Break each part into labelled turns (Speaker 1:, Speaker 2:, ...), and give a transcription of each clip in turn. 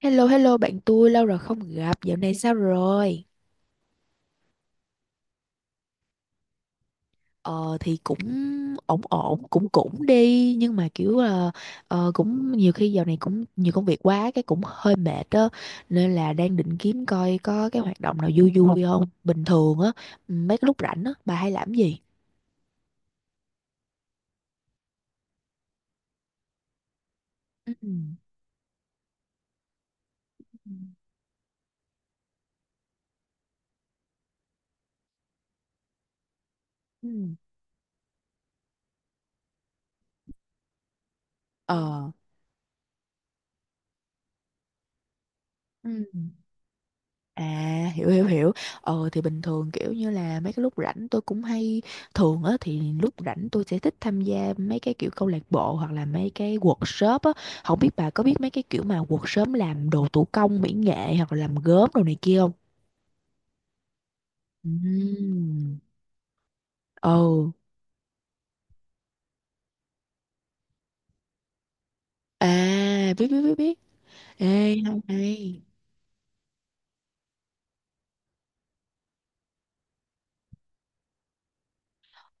Speaker 1: Hello hello bạn tôi, lâu rồi không gặp. Dạo này sao rồi? Ờ thì cũng ổn ổn, cũng cũng đi, nhưng mà kiểu là cũng nhiều khi dạo này cũng nhiều công việc quá, cái cũng hơi mệt á, nên là đang định kiếm coi có cái hoạt động nào vui vui không, bình thường á, mấy cái lúc rảnh á bà hay làm gì? Ừ. Ừ. Ừ. Ờ. Ừ. À, hiểu hiểu hiểu. Thì bình thường kiểu như là mấy cái lúc rảnh tôi cũng hay thường á, thì lúc rảnh tôi sẽ thích tham gia mấy cái kiểu câu lạc bộ hoặc là mấy cái workshop á. Không biết bà có biết mấy cái kiểu mà workshop làm đồ thủ công mỹ nghệ hoặc là làm gốm đồ này kia không? Ừm. Ừ. À, biết biết biết biết. Ê, hay hay.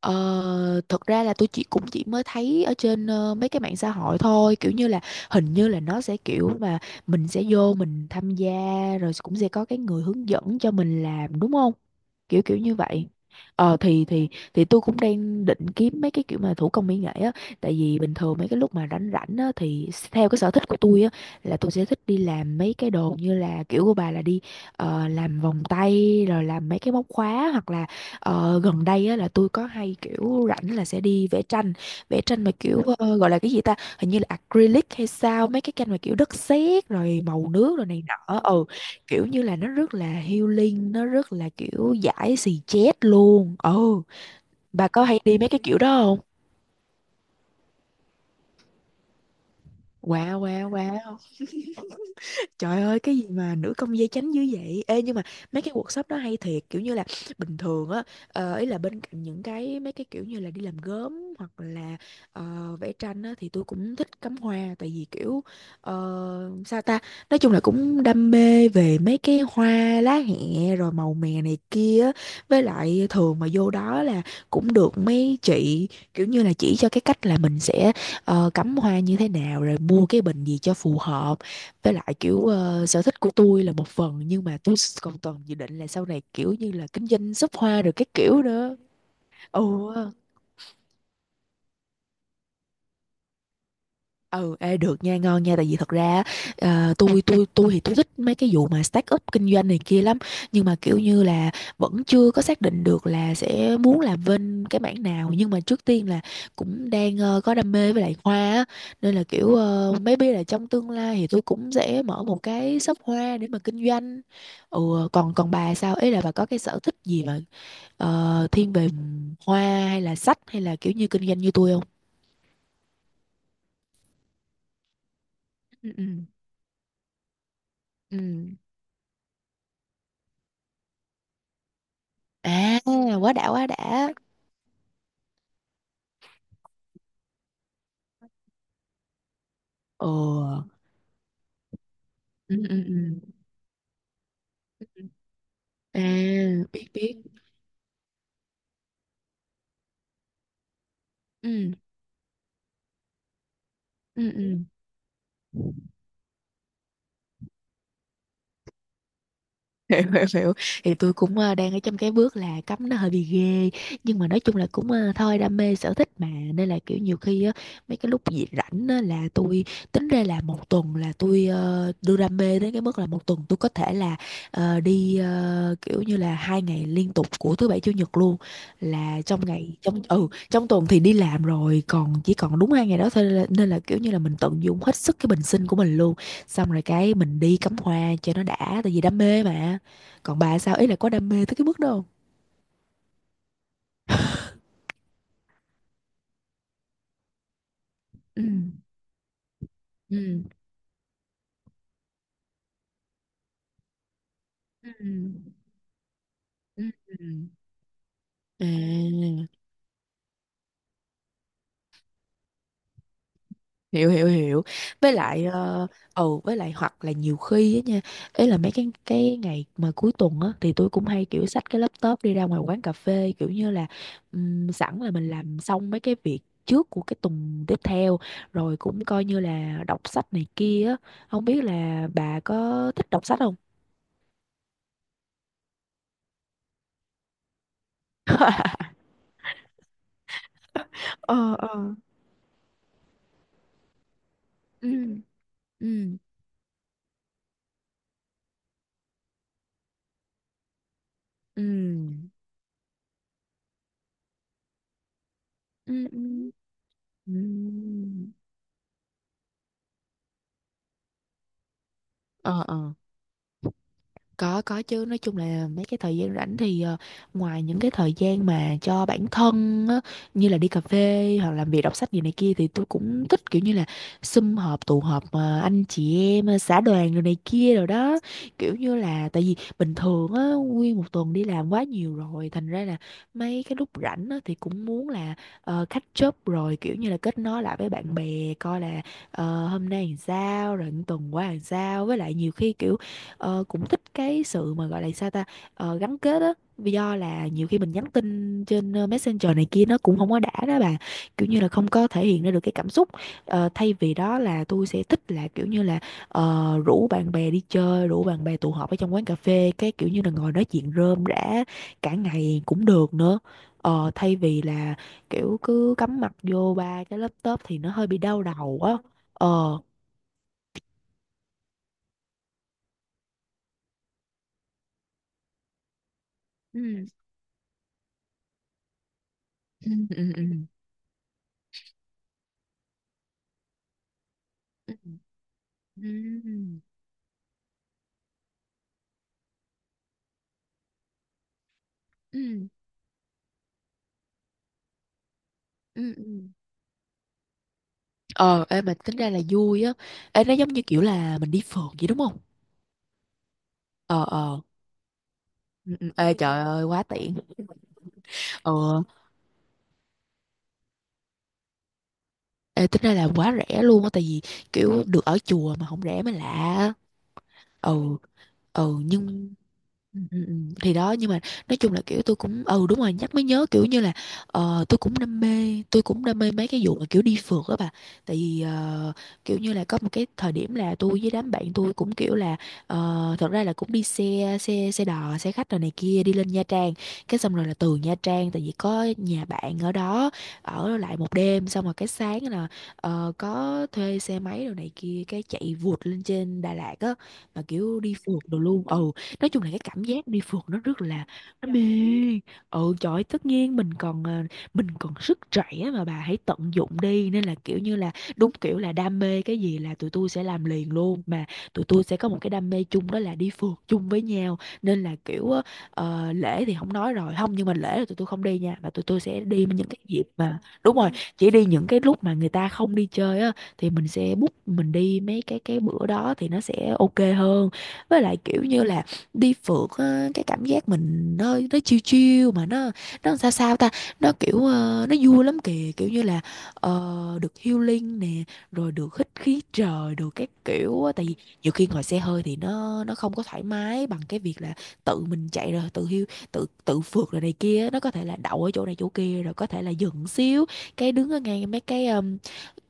Speaker 1: Ờ, thật ra là tôi cũng chỉ mới thấy ở trên mấy cái mạng xã hội thôi, kiểu như là hình như là nó sẽ kiểu mà mình sẽ vô mình tham gia, rồi cũng sẽ có cái người hướng dẫn cho mình làm, đúng không, kiểu kiểu như vậy. Thì thì tôi cũng đang định kiếm mấy cái kiểu mà thủ công mỹ nghệ á, tại vì bình thường mấy cái lúc mà rảnh rảnh á thì theo cái sở thích của tôi á, là tôi sẽ thích đi làm mấy cái đồ như là kiểu của bà, là đi làm vòng tay rồi làm mấy cái móc khóa, hoặc là gần đây á, là tôi có hay kiểu rảnh là sẽ đi vẽ tranh, vẽ tranh mà kiểu gọi là cái gì ta, hình như là acrylic hay sao, mấy cái tranh mà kiểu đất sét rồi màu nước rồi này nọ, ừ, kiểu như là nó rất là healing, nó rất là kiểu giải xì chét luôn, ừ, bà có hay đi mấy cái kiểu đó không? Wow wow wow. Trời ơi, cái gì mà nữ công gia chánh dữ vậy? Ê, nhưng mà mấy cái workshop đó hay thiệt. Kiểu như là bình thường á, ý là bên cạnh những cái mấy cái kiểu như là đi làm gốm, hoặc là ờ, vẽ tranh á, thì tôi cũng thích cắm hoa. Tại vì kiểu sao ta, nói chung là cũng đam mê về mấy cái hoa lá hẹ, rồi màu mè này kia á. Với lại thường mà vô đó là cũng được mấy chị kiểu như là chỉ cho cái cách là mình sẽ cắm hoa như thế nào, rồi mua cái bình gì cho phù hợp. Với lại kiểu sở thích của tôi là một phần, nhưng mà tôi còn toàn dự định là sau này kiểu như là kinh doanh shop hoa rồi các kiểu nữa. Ừ. Ừ, ê, được nha, ngon nha, tại vì thật ra à, tôi thì tôi thích mấy cái vụ mà start up kinh doanh này kia lắm, nhưng mà kiểu như là vẫn chưa có xác định được là sẽ muốn làm bên cái mảng nào, nhưng mà trước tiên là cũng đang có đam mê với lại hoa á, nên là kiểu maybe là trong tương lai thì tôi cũng sẽ mở một cái shop hoa để mà kinh doanh. Ừ, còn còn bà sao, ấy là bà có cái sở thích gì mà thiên về hoa, hay là sách, hay là kiểu như kinh doanh như tôi không? Ừ. Ừ. Ừ. À, quá đã quá đã. Ồ. Ừ, ừ, ừ. À, biết biết. Ừ, ừ, ừ. Hiểu hiểu hiểu. Thì tôi cũng đang ở trong cái bước là cấm nó hơi bị ghê, nhưng mà nói chung là cũng thôi, đam mê sở thích mà, nên là kiểu nhiều khi á, mấy cái lúc gì rảnh á, là tôi tính ra là một tuần là tôi đưa đam mê đến cái mức là một tuần tôi có thể là kiểu như là 2 ngày liên tục của thứ bảy chủ nhật luôn, là trong ngày, trong tuần thì đi làm rồi, còn chỉ còn đúng 2 ngày đó thôi, nên là kiểu như là mình tận dụng hết sức cái bình sinh của mình luôn, xong rồi cái mình đi cắm hoa cho nó đã, tại vì đam mê mà. Còn bà sao, ý là có đam mê tới cái mức đó không? Ừ. Ừ. Ừ. Ừ. Ừ. À, hiểu hiểu hiểu. Với lại với lại hoặc là nhiều khi á nha, ấy là mấy cái ngày mà cuối tuần á, thì tôi cũng hay kiểu xách cái laptop đi ra ngoài quán cà phê, kiểu như là sẵn là mình làm xong mấy cái việc trước của cái tuần tiếp theo, rồi cũng coi như là đọc sách này kia á. Không biết là bà có thích đọc sách không? Ờ. Ờ. Ừ. Ừ. Ừ. Ừ. Ừ. Ừ. Ờ. Ờ. Có chứ, nói chung là mấy cái thời gian rảnh thì ngoài những cái thời gian mà cho bản thân á, như là đi cà phê hoặc làm việc đọc sách gì này kia, thì tôi cũng thích kiểu như là sum họp tụ họp anh chị em xã đoàn rồi này kia rồi đó, kiểu như là, tại vì bình thường á, nguyên một tuần đi làm quá nhiều rồi, thành ra là mấy cái lúc rảnh á, thì cũng muốn là catch up rồi, kiểu như là kết nối lại với bạn bè, coi là hôm nay làm sao rồi, tuần qua làm sao. Với lại nhiều khi kiểu cũng thích cái sự mà gọi là sao ta, gắn kết á. Vì do là nhiều khi mình nhắn tin trên Messenger này kia, nó cũng không có đã đó bà, kiểu như là không có thể hiện ra được cái cảm xúc. Thay vì đó là tôi sẽ thích là kiểu như là rủ bạn bè đi chơi, rủ bạn bè tụ họp ở trong quán cà phê, cái kiểu như là ngồi nói chuyện rơm rả cả ngày cũng được nữa. Ờ, thay vì là kiểu cứ cắm mặt vô ba cái laptop thì nó hơi bị đau đầu á. Ờ. Ừ. Ừ. Ừ. Ừ. Ừ. Ừ. Ừ. Ừ. Ừ. Ờ, ê, mà tính ra là vui á. Ê, nó giống như kiểu là mình đi phượt vậy đúng không? Ờ. Ờ. Ừ, ừ. Ê, trời ơi, quá tiện. Ờ. Ê, tính ra là quá rẻ luôn á, tại vì kiểu được ở chùa mà không rẻ mới lạ. Ừ. Ừ nhưng ừ, ừ, ừ. Thì đó, nhưng mà nói chung là kiểu tôi cũng ừ đúng rồi, nhắc mới nhớ, kiểu như là tôi cũng đam mê, tôi cũng đam mê mấy cái vụ mà kiểu đi phượt á bà, tại vì kiểu như là có một cái thời điểm là tôi với đám bạn tôi cũng kiểu là thật ra là cũng đi xe, xe đò, xe khách rồi này kia, đi lên Nha Trang, cái xong rồi là từ Nha Trang, tại vì có nhà bạn ở đó, ở lại một đêm, xong rồi cái sáng là có thuê xe máy rồi này kia, cái chạy vụt lên trên Đà Lạt á, mà kiểu đi phượt đồ luôn, ừ. Nói chung là cái cảm giác đi phượt nó rất là, nó mê. Ừ, trời ơi, tất nhiên mình còn mình còn sức trẻ, mà bà hãy tận dụng đi, nên là kiểu như là đúng kiểu là đam mê cái gì là tụi tôi sẽ làm liền luôn mà. Tụi tôi sẽ có một cái đam mê chung đó là đi phượt chung với nhau, nên là kiểu á, lễ thì không nói rồi, không, nhưng mà lễ là tụi tôi không đi nha, mà tụi tôi sẽ đi những cái dịp mà đúng rồi, chỉ đi những cái lúc mà người ta không đi chơi á, thì mình sẽ book mình đi mấy cái bữa đó thì nó sẽ ok hơn. Với lại kiểu như là đi phượt á, cái cảm giác mình, nó chill chill mà nó sao sao ta, nó kiểu nó vui lắm kìa, kiểu như là được healing nè, rồi được hít khí trời, được các kiểu á. Tại vì nhiều khi ngồi xe hơi thì nó không có thoải mái bằng cái việc là tự mình chạy rồi tự hiu tự tự phượt rồi này kia, nó có thể là đậu ở chỗ này chỗ kia, rồi có thể là dừng xíu cái đứng ở ngay mấy cái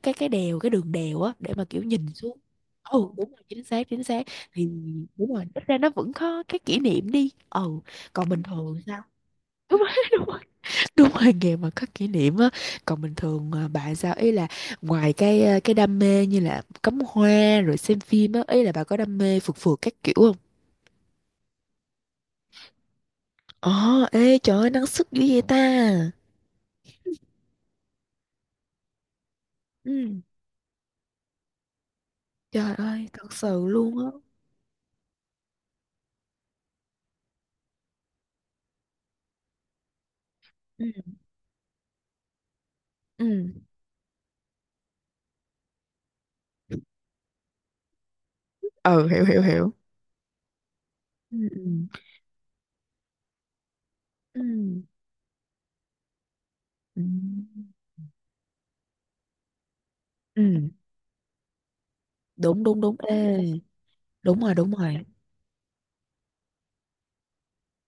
Speaker 1: cái đèo, cái đường đèo á, để mà kiểu nhìn xuống. Ừ đúng rồi, chính xác chính xác. Thì đúng rồi, ít ra nó vẫn có cái kỷ niệm đi. Ừ, còn bình thường sao? Đúng rồi đúng rồi, đúng rồi nghề mà có kỷ niệm á. Còn bình thường à, bà sao, ý là ngoài cái cái đam mê như là cắm hoa rồi xem phim á, ý là bà có đam mê phượt phượt các kiểu không? Ồ, ê trời ơi năng sức dữ vậy ta. Ừ, trời ơi, thật sự luôn á. Ừ ừ, ừ, hiểu hiểu hiểu. Ừ ừ. Ừ. Ừ, ừ, đúng đúng đúng. Ê, đúng rồi đúng rồi.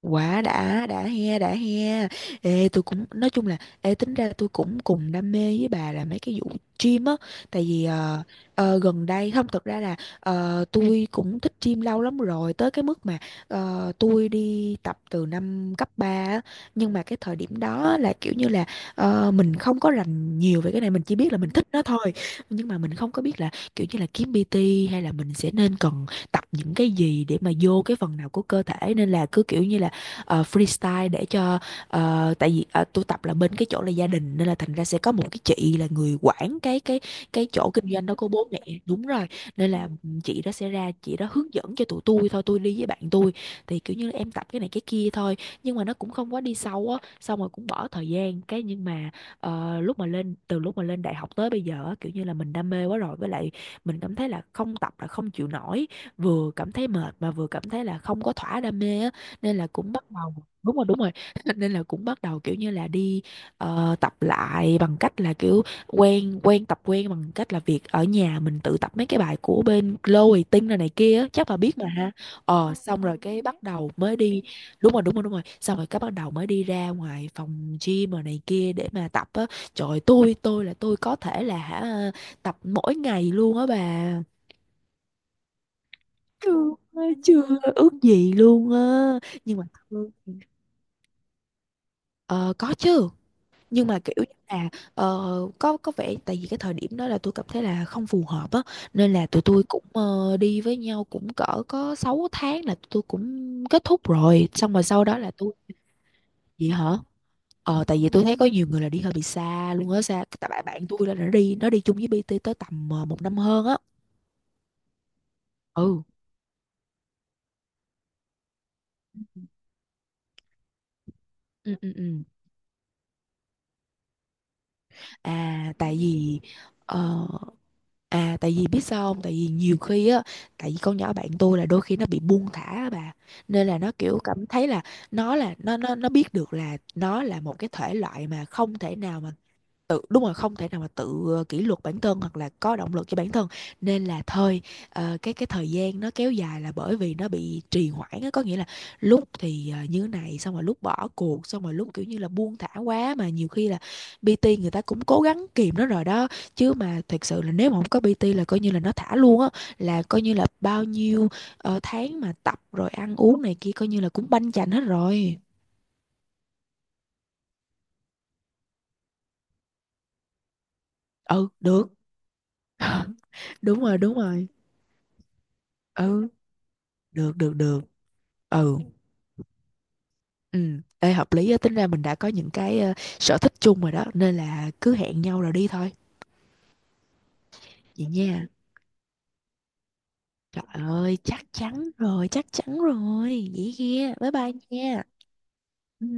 Speaker 1: Quá đã he, đã he. Ê, tôi cũng, nói chung là, ê, tính ra tôi cũng cùng đam mê với bà là mấy cái vụ gym á. Tại vì gần đây, không, thật ra là tôi cũng thích gym lâu lắm rồi. Tới cái mức mà tôi đi tập từ năm cấp 3 á. Nhưng mà cái thời điểm đó là kiểu như là mình không có rành nhiều về cái này. Mình chỉ biết là mình thích nó thôi. Nhưng mà mình không có biết là kiểu như là kiếm PT hay là mình sẽ nên cần tập những cái gì để mà vô cái phần nào của cơ thể. Nên là cứ kiểu như là freestyle để cho tại vì tôi tập là bên cái chỗ là gia đình, nên là thành ra sẽ có một cái chị là người quản cái chỗ kinh doanh đó của bố mẹ. Đúng rồi, nên là chị đó sẽ ra, chị đó hướng dẫn cho tụi tôi thôi, tôi đi với bạn tôi, thì kiểu như là em tập cái này cái kia thôi, nhưng mà nó cũng không quá đi sâu á, xong rồi cũng bỏ thời gian cái, nhưng mà lúc mà lên, từ lúc mà lên đại học tới bây giờ á, kiểu như là mình đam mê quá rồi, với lại mình cảm thấy là không tập là không chịu nổi, vừa cảm thấy mệt mà vừa cảm thấy là không có thỏa đam mê á, nên là cũng bắt đầu. Đúng rồi đúng rồi nên là cũng bắt đầu kiểu như là đi tập lại bằng cách là kiểu quen quen tập quen bằng cách là việc ở nhà mình tự tập mấy cái bài của bên Chloe Ting này này kia á, chắc bà biết mà ha. Ờ, xong rồi cái bắt đầu mới đi. Đúng rồi đúng rồi đúng rồi, xong rồi cái bắt đầu mới đi ra ngoài phòng gym rồi này kia để mà tập á. Trời ơi, tôi là tôi có thể là hả, tập mỗi ngày luôn á bà. Chưa, chưa, ước gì luôn á. Nhưng mà, ờ, có chứ. Nhưng mà kiểu như là ờ, có vẻ tại vì cái thời điểm đó là tôi cảm thấy là không phù hợp á, nên là tụi tôi cũng đi với nhau cũng cỡ có 6 tháng là tụi tôi cũng kết thúc rồi, xong rồi sau đó là tôi. Vậy hả? Ờ, tại vì tôi thấy có nhiều người là đi hơi bị xa luôn á, xa tại bạn bạn tôi là nó đi, nó đi chung với BT tới tầm 1 năm hơn á. Ừ ừ ừ ừ. À tại vì ờ, à tại vì biết sao không? Tại vì nhiều khi á, tại vì con nhỏ bạn tôi là đôi khi nó bị buông thả á bà. Nên là nó kiểu cảm thấy là nó là nó biết được là nó là một cái thể loại mà không thể nào mà tự, đúng rồi, không thể nào mà tự kỷ luật bản thân hoặc là có động lực cho bản thân, nên là thôi. Ờ, cái thời gian nó kéo dài là bởi vì nó bị trì hoãn á, có nghĩa là lúc thì như thế này, xong rồi lúc bỏ cuộc, xong rồi lúc kiểu như là buông thả quá, mà nhiều khi là PT người ta cũng cố gắng kìm nó rồi đó, chứ mà thật sự là nếu mà không có PT là coi như là nó thả luôn á, là coi như là bao nhiêu tháng mà tập rồi ăn uống này kia coi như là cũng banh chành hết rồi. Ừ được. Đúng rồi đúng rồi. Ừ được được được. Ừ ừ, ê hợp lý á, tính ra mình đã có những cái sở thích chung rồi đó, nên là cứ hẹn nhau rồi đi thôi. Vậy nha, trời ơi chắc chắn rồi chắc chắn rồi, vậy kia bye bye nha.